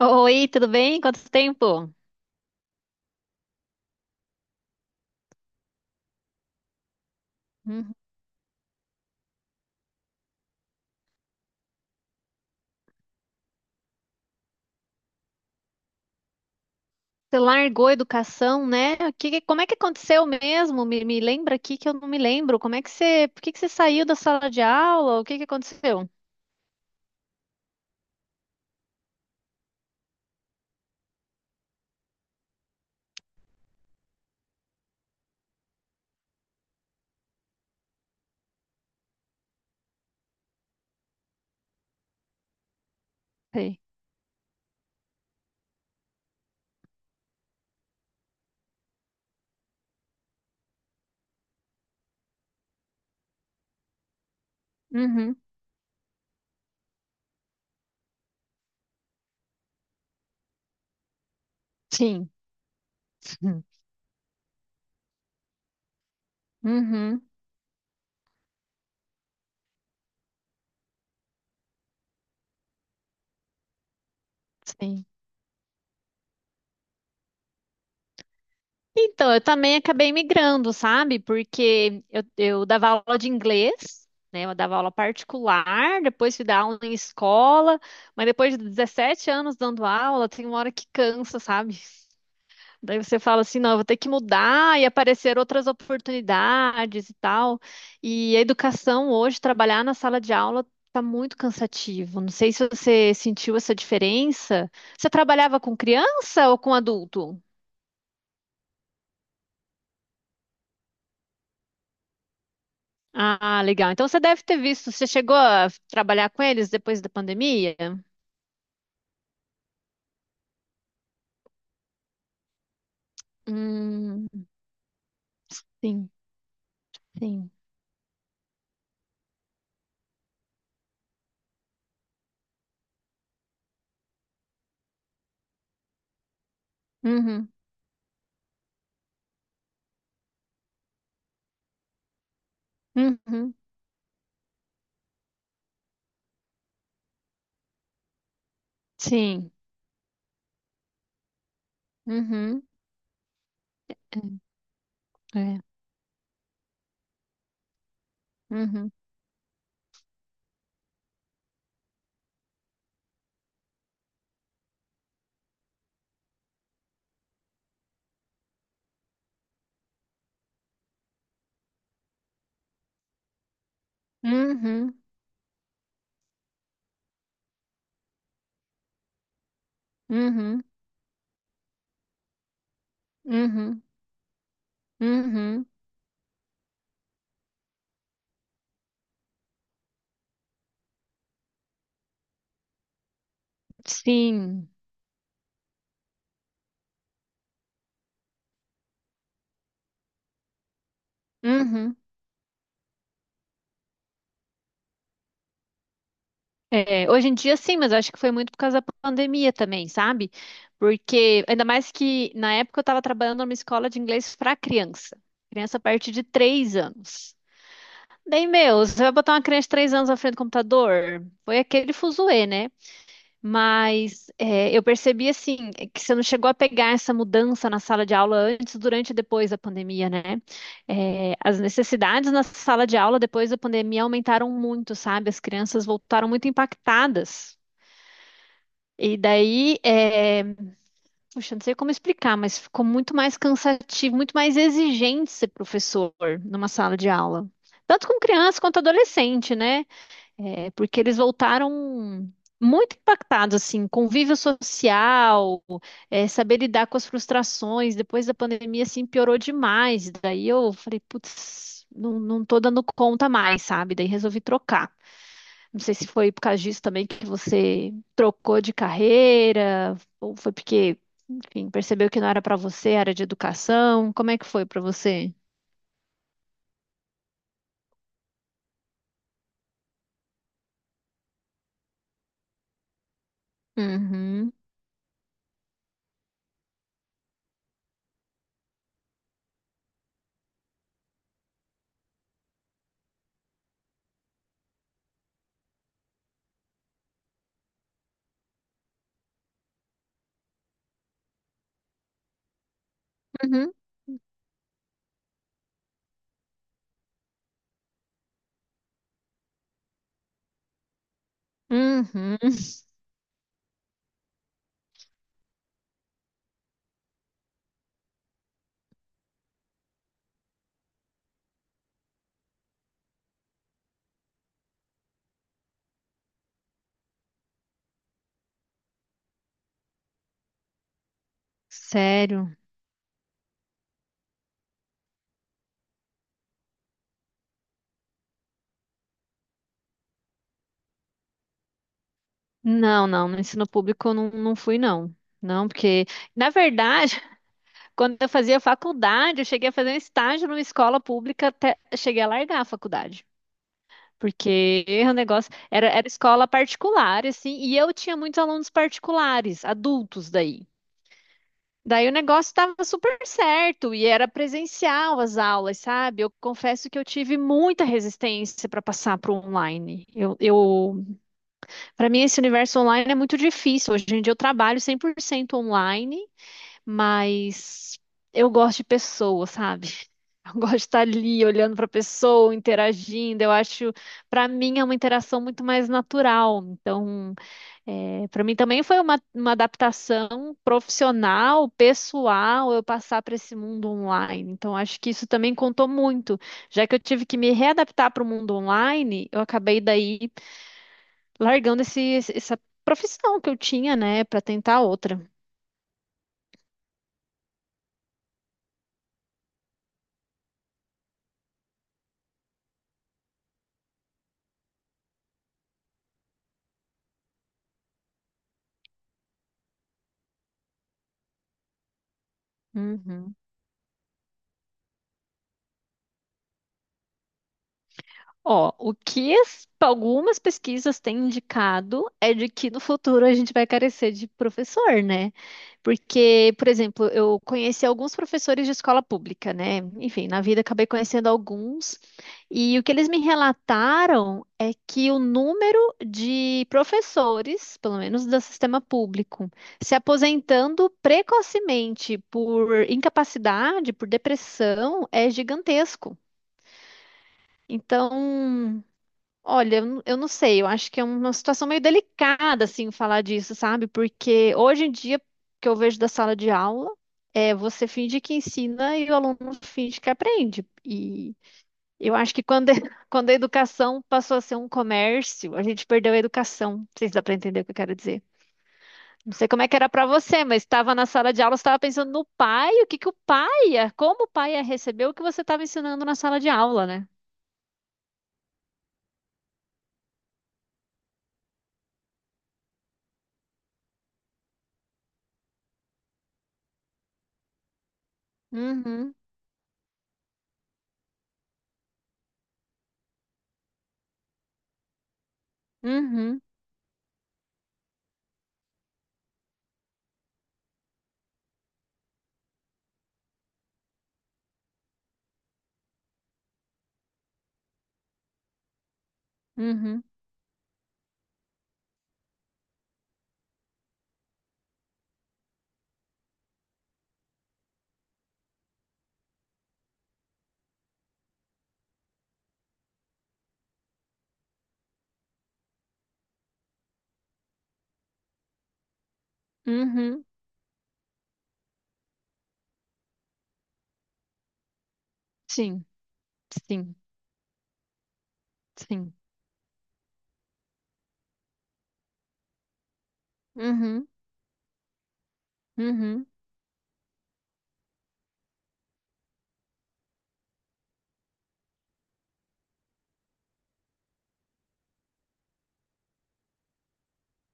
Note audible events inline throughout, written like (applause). Oi, tudo bem? Quanto tempo? Uhum. Você largou a educação, né? Como é que aconteceu mesmo? Me lembra aqui que eu não me lembro. Como é que você, por que que você saiu da sala de aula? O que que aconteceu? Sei. Uhum. Sim. (laughs) Uhum. Sim. Então, eu também acabei migrando, sabe? Porque eu dava aula de inglês, né? Eu dava aula particular, depois fui dar aula em escola, mas depois de 17 anos dando aula, tem uma hora que cansa, sabe? Daí você fala assim, não, eu vou ter que mudar e aparecer outras oportunidades e tal. E a educação hoje, trabalhar na sala de aula, tá muito cansativo. Não sei se você sentiu essa diferença. Você trabalhava com criança ou com adulto? Ah, legal. Então você deve ter visto. Você chegou a trabalhar com eles depois da pandemia? Hum, sim, sim. Uhum, uhum, sim. Uhum, é, é. Uhum, uhum, uhum, uhum. Uhum, sim. Uhum. É, hoje em dia sim, mas eu acho que foi muito por causa da pandemia também, sabe? Porque, ainda mais que na época eu estava trabalhando numa escola de inglês para criança. Criança a partir de 3 anos. Daí, meu, você vai botar uma criança de 3 anos na frente do computador? Foi aquele fuzuê, né? Mas é, eu percebi assim é que você não chegou a pegar essa mudança na sala de aula antes, durante e depois da pandemia, né? É, as necessidades na sala de aula depois da pandemia aumentaram muito, sabe? As crianças voltaram muito impactadas. E daí, é, puxa, não sei como explicar, mas ficou muito mais cansativo, muito mais exigente ser professor numa sala de aula. Tanto com criança quanto adolescente, né? É, porque eles voltaram muito impactados, assim, convívio social, é, saber lidar com as frustrações, depois da pandemia, assim, piorou demais. Daí eu falei, putz, não, não tô dando conta mais, sabe? Daí resolvi trocar. Não sei se foi por causa disso também que você trocou de carreira, ou foi porque, enfim, percebeu que não era para você, era de educação. Como é que foi para você? Uhum, uhum, uhum. Sério. Não, não, no ensino público eu não, não fui, não. Não, porque, na verdade, (laughs) quando eu fazia faculdade, eu cheguei a fazer um estágio numa escola pública até cheguei a largar a faculdade. Porque (laughs) o negócio era, escola particular, assim, e eu tinha muitos alunos particulares, adultos daí. Daí o negócio estava super certo e era presencial as aulas, sabe? Eu confesso que eu tive muita resistência para passar para o online. Eu Para mim, esse universo online é muito difícil. Hoje em dia eu trabalho 100% online, mas eu gosto de pessoas, sabe? (laughs) Eu gosto de estar ali olhando para a pessoa, interagindo. Eu acho, para mim, é uma interação muito mais natural. Então, para mim também foi uma adaptação profissional, pessoal, eu passar para esse mundo online. Então, acho que isso também contou muito. Já que eu tive que me readaptar para o mundo online, eu acabei daí largando essa profissão que eu tinha, né, para tentar outra. Uhum. Ó, algumas pesquisas têm indicado é de que no futuro a gente vai carecer de professor, né? Porque, por exemplo, eu conheci alguns professores de escola pública, né? Enfim, na vida acabei conhecendo alguns, e o que eles me relataram é que o número de professores, pelo menos do sistema público, se aposentando precocemente por incapacidade, por depressão, é gigantesco. Então, olha, eu não sei, eu acho que é uma situação meio delicada, assim, falar disso, sabe? Porque hoje em dia, o que eu vejo da sala de aula é você finge que ensina e o aluno finge que aprende. E eu acho que quando, (laughs) quando a educação passou a ser um comércio, a gente perdeu a educação. Não sei se dá para entender o que eu quero dizer. Não sei como é que era para você, mas estava na sala de aula, você estava pensando no pai, o que que o pai ia, como o pai ia receber o que você estava ensinando na sala de aula, né? Uhum, uhum, uhum, uhum. Sim, sim, sim. Uhum, uhum,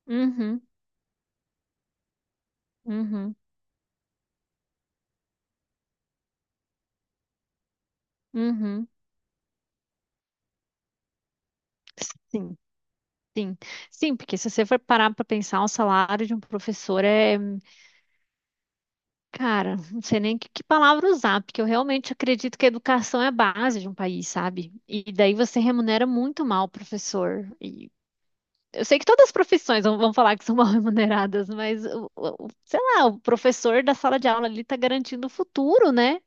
uhum, uhum, uhum. Sim, sim. Sim, porque se você for parar para pensar, o salário de um professor é. Cara, não sei nem que palavra usar, porque eu realmente acredito que a educação é a base de um país, sabe? E daí você remunera muito mal o professor. E eu sei que todas as profissões vão, falar que são (laughs) mal remuneradas, mas, sei lá, o professor da sala de aula ali está garantindo o futuro, né?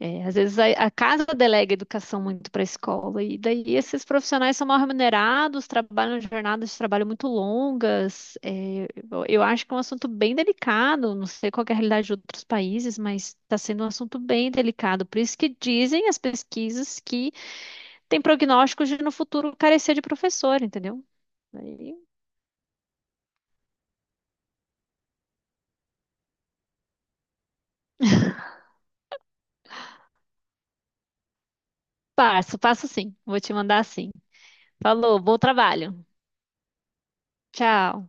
É, às vezes a casa delega educação muito para a escola, e daí esses profissionais são mal remunerados, trabalham jornadas de trabalho muito longas. É, eu acho que é um assunto bem delicado, não sei qual que é a realidade de outros países, mas está sendo um assunto bem delicado. Por isso que dizem as pesquisas que tem prognósticos de no futuro carecer de professor, entendeu? Aí, passo, passo sim, vou te mandar sim. Falou, bom trabalho. Tchau.